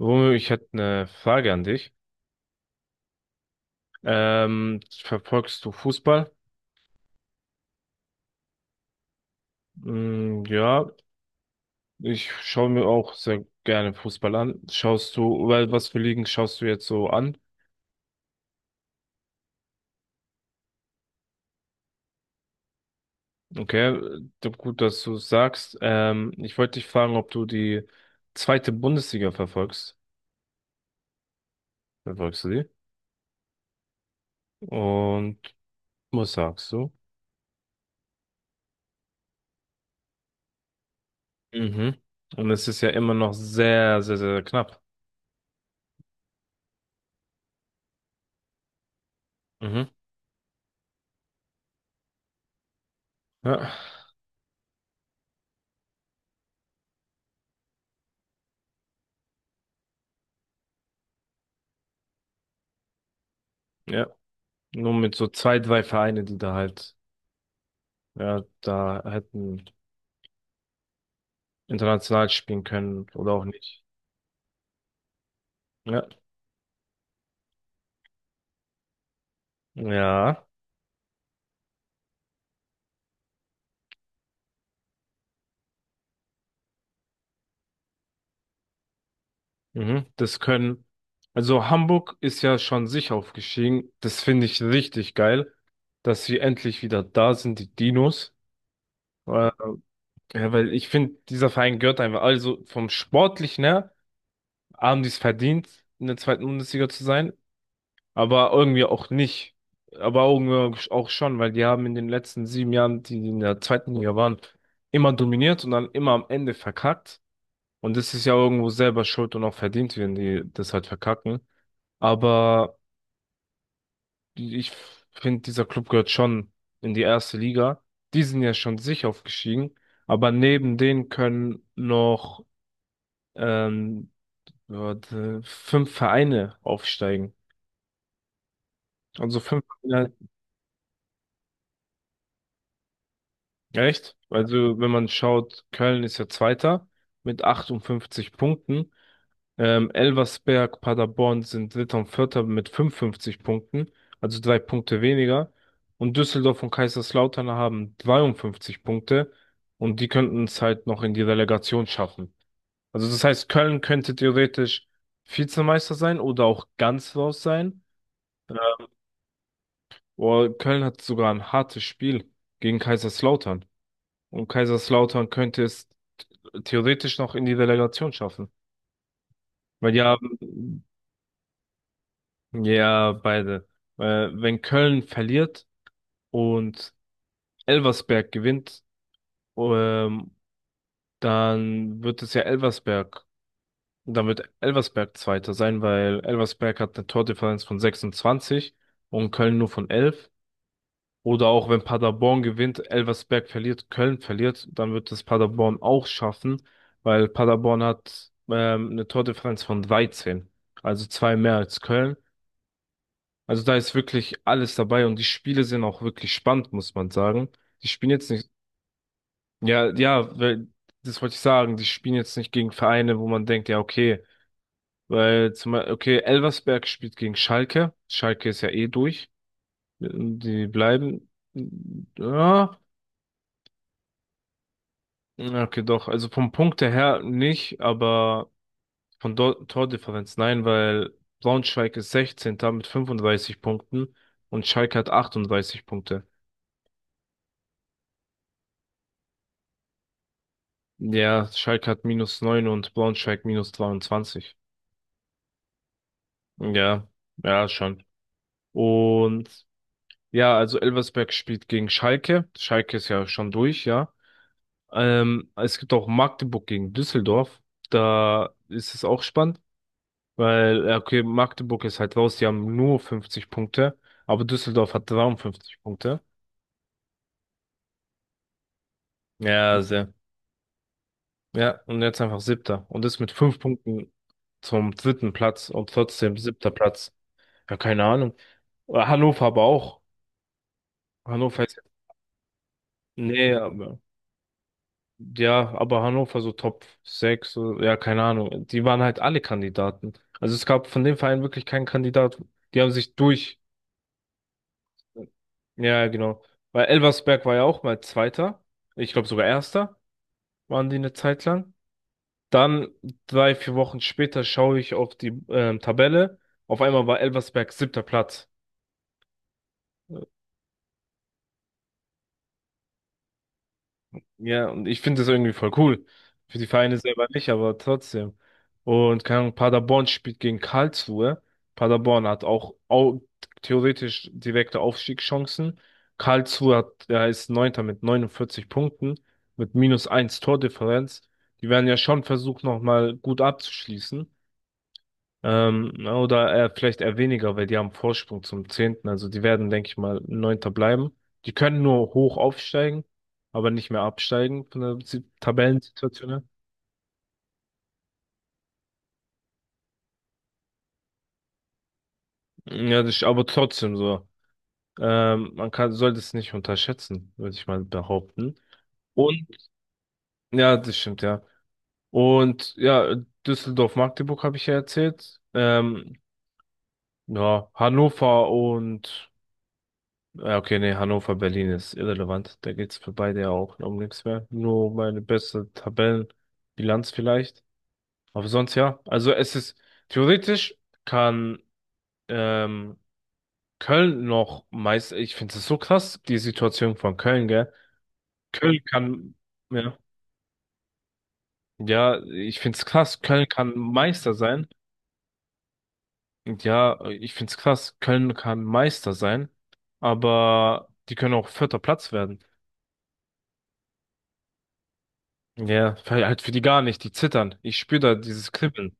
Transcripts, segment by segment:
Romeo, ich hätte eine Frage an dich. Verfolgst du Fußball? Mm, ja, ich schaue mir auch sehr gerne Fußball an. Schaust du, weil was für Ligen schaust du jetzt so an? Okay, gut, dass du sagst. Ich wollte dich fragen, ob du die zweite Bundesliga verfolgst. Verfolgst du die? Und was sagst du? Mhm. Und es ist ja immer noch sehr, sehr, sehr knapp. Mhm. Ja, ja. Nur mit so zwei, drei Vereine, die da halt. Ja, da hätten international spielen können oder auch nicht. Ja. Ja. Mhm. Das können. Also Hamburg ist ja schon sich aufgestiegen. Das finde ich richtig geil, dass sie endlich wieder da sind, die Dinos. Äh, ja, weil ich finde, dieser Verein gehört einfach. Also vom Sportlichen her haben die es verdient, in der zweiten Bundesliga zu sein. Aber irgendwie auch nicht. Aber irgendwie auch schon, weil die haben in den letzten 7 Jahren, die in der zweiten Liga waren, immer dominiert und dann immer am Ende verkackt. Und das ist ja irgendwo selber schuld und auch verdient, wenn die das halt verkacken. Aber ich finde, dieser Club gehört schon in die erste Liga. Die sind ja schon sicher aufgestiegen. Aber neben denen können noch ähm, warte, fünf Vereine aufsteigen. Also fünf. Echt? Also, wenn man schaut, Köln ist ja Zweiter mit 58 Punkten. Elversberg, Paderborn sind Dritter und Vierter mit 55 Punkten, also drei Punkte weniger. Und Düsseldorf und Kaiserslautern haben 52 Punkte und die könnten es halt noch in die Relegation schaffen. Also, das heißt, Köln könnte theoretisch Vizemeister sein oder auch ganz raus sein. Äh, Oder Köln hat sogar ein hartes Spiel gegen Kaiserslautern. Und Kaiserslautern könnte es theoretisch noch in die Relegation schaffen. Weil die haben. Ja, beide. Wenn Köln verliert und Elversberg gewinnt, ähm, dann wird es ja Elversberg, dann wird Elversberg Zweiter sein, weil Elversberg hat eine Tordifferenz von 26 und Köln nur von 11. Oder auch wenn Paderborn gewinnt, Elversberg verliert, Köln verliert, dann wird es Paderborn auch schaffen, weil Paderborn hat eine Tordifferenz von 13, also zwei mehr als Köln. Also da ist wirklich alles dabei und die Spiele sind auch wirklich spannend, muss man sagen. Die spielen jetzt nicht, ja, ja, weil, das wollte ich sagen, die spielen jetzt nicht gegen Vereine, wo man denkt, ja, okay, weil zum Beispiel, okay, Elversberg spielt gegen Schalke, Schalke ist ja eh durch, die bleiben, ja. Ja, okay, doch. Also vom Punkt her nicht, aber von Tordifferenz nein, weil Braunschweig ist 16. mit 35 Punkten und Schalke hat 38 Punkte. Ja, Schalke hat minus 9 und Braunschweig minus 23. Ja, ja, schon. Und ja, also Elversberg spielt gegen Schalke. Schalke ist ja schon durch, ja. Es gibt auch Magdeburg gegen Düsseldorf. Da ist es auch spannend. Weil, ja, okay, Magdeburg ist halt raus, die haben nur 50 Punkte, aber Düsseldorf hat 53 Punkte. Ja, sehr. Ja, und jetzt einfach siebter. Und ist mit fünf Punkten zum dritten Platz und trotzdem siebter Platz. Ja, keine Ahnung. Hannover aber auch. Hannover ist, nee, aber, ja, aber Hannover so Top 6. So, ja, keine Ahnung. Die waren halt alle Kandidaten. Also es gab von dem Verein wirklich keinen Kandidat. Die haben sich. Ja, ja, genau. Weil Elversberg war ja auch mal Zweiter. Ich glaube sogar Erster waren die eine Zeit lang. Dann drei, vier Wochen später schaue ich auf die Tabelle. Auf einmal war Elversberg siebter Platz. Ja, und ich finde das irgendwie voll cool. Für die Vereine selber nicht, aber trotzdem. Und keine Ahnung, Paderborn spielt gegen Karlsruhe. Paderborn hat auch, theoretisch direkte Aufstiegschancen. Karlsruhe hat, der ist Neunter mit 49 Punkten, mit minus eins Tordifferenz. Die werden ja schon versucht, nochmal gut abzuschließen. Na, oder vielleicht eher weniger, weil die haben Vorsprung zum Zehnten. Also die werden, denke ich mal, Neunter bleiben. Die können nur hoch aufsteigen, aber nicht mehr absteigen von der Tabellensituation her. Ja, das ist aber trotzdem so. Man kann, sollte es nicht unterschätzen, würde ich mal behaupten. Und, ja, das stimmt, ja. Und ja, Düsseldorf-Magdeburg habe ich ja erzählt. Ja, Hannover und. Ja, okay, nee, Hannover, Berlin ist irrelevant. Da geht's für beide ja auch um nichts mehr. Nur meine beste Tabellenbilanz vielleicht. Aber sonst ja. Also es ist theoretisch kann ähm, Köln noch meist. Ich finde es so krass, die Situation von Köln, gell? Köln kann, ja, ja, ich finde es krass, Köln kann Meister sein. Und ja, ich finde es krass, Köln kann Meister sein, aber die können auch vierter Platz werden. Ja, weil halt für die gar nicht, die zittern. Ich spüre da dieses Kribbeln.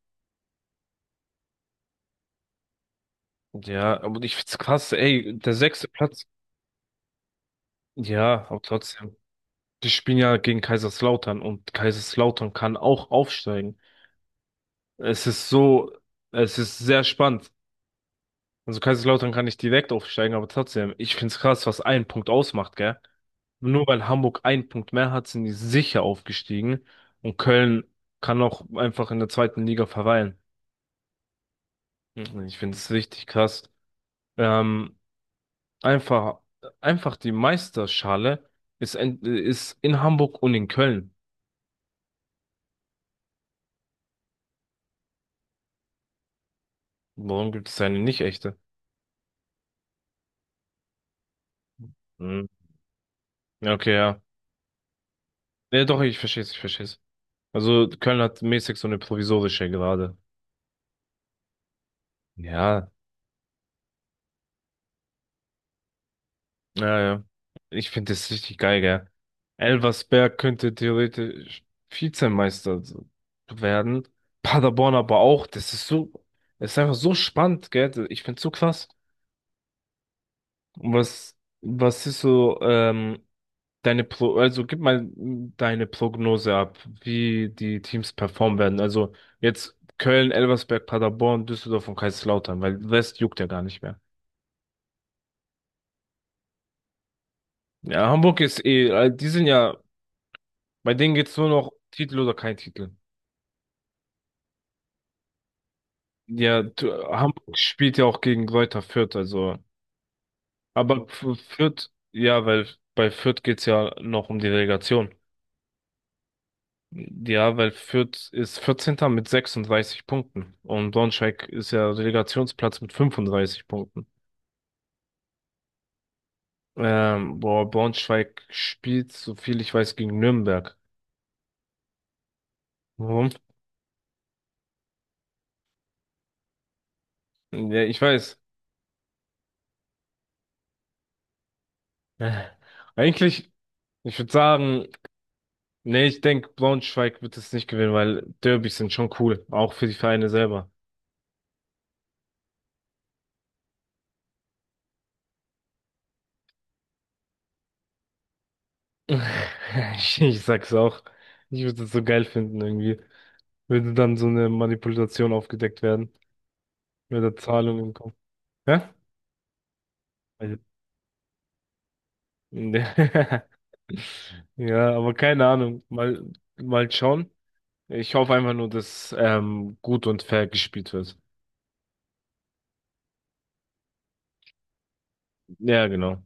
Ja, aber ich find's krass, ey, der sechste Platz. Ja, aber trotzdem. Die spielen ja gegen Kaiserslautern und Kaiserslautern kann auch aufsteigen. Es ist so, es ist sehr spannend. Also Kaiserslautern kann nicht direkt aufsteigen, aber trotzdem, ich find's krass, was ein Punkt ausmacht, gell? Nur weil Hamburg einen Punkt mehr hat, sind die sicher aufgestiegen und Köln kann auch einfach in der zweiten Liga verweilen. Ich find's richtig krass. Ähm, Einfach, einfach die Meisterschale ist, ist in Hamburg und in Köln. Warum gibt es eine nicht echte? Hm. Ja, okay, ja. Ja, doch, ich verstehe es, ich verstehe es. Also Köln hat mäßig so eine provisorische gerade. Ja, ja, ja. Ich finde das richtig geil, gell? Elversberg könnte theoretisch Vizemeister so werden. Paderborn aber auch. Das ist so, das ist einfach so spannend, gell? Ich finde es so krass. Und was, was ist so, deine Pro, also gib mal deine Prognose ab, wie die Teams performen werden. Also jetzt Köln, Elversberg, Paderborn, Düsseldorf und Kaiserslautern, weil West juckt ja gar nicht mehr. Ja, Hamburg ist eh, die sind ja, bei denen geht's nur noch Titel oder kein Titel. Ja, du, Hamburg spielt ja auch gegen Greuther Fürth, also, aber Fürth, ja, weil bei Fürth geht's ja noch um die Relegation. Ja, weil Fürth ist 14. mit 36 Punkten und Braunschweig ist ja Relegationsplatz mit 35 Punkten. Boah, Braunschweig spielt, so viel ich weiß, gegen Nürnberg. Warum? Ja, ich weiß. Äh, Eigentlich, ich würde sagen, nee, ich denke, Braunschweig wird es nicht gewinnen, weil Derbys sind schon cool, auch für die Vereine selber. Ich sag's auch. Ich würde es so geil finden irgendwie. Würde dann so eine Manipulation aufgedeckt werden, mit der Zahlung im Kopf. Hä? Also, Ja, aber keine Ahnung. Mal schauen. Ich hoffe einfach nur, dass gut und fair gespielt wird. Ja, genau.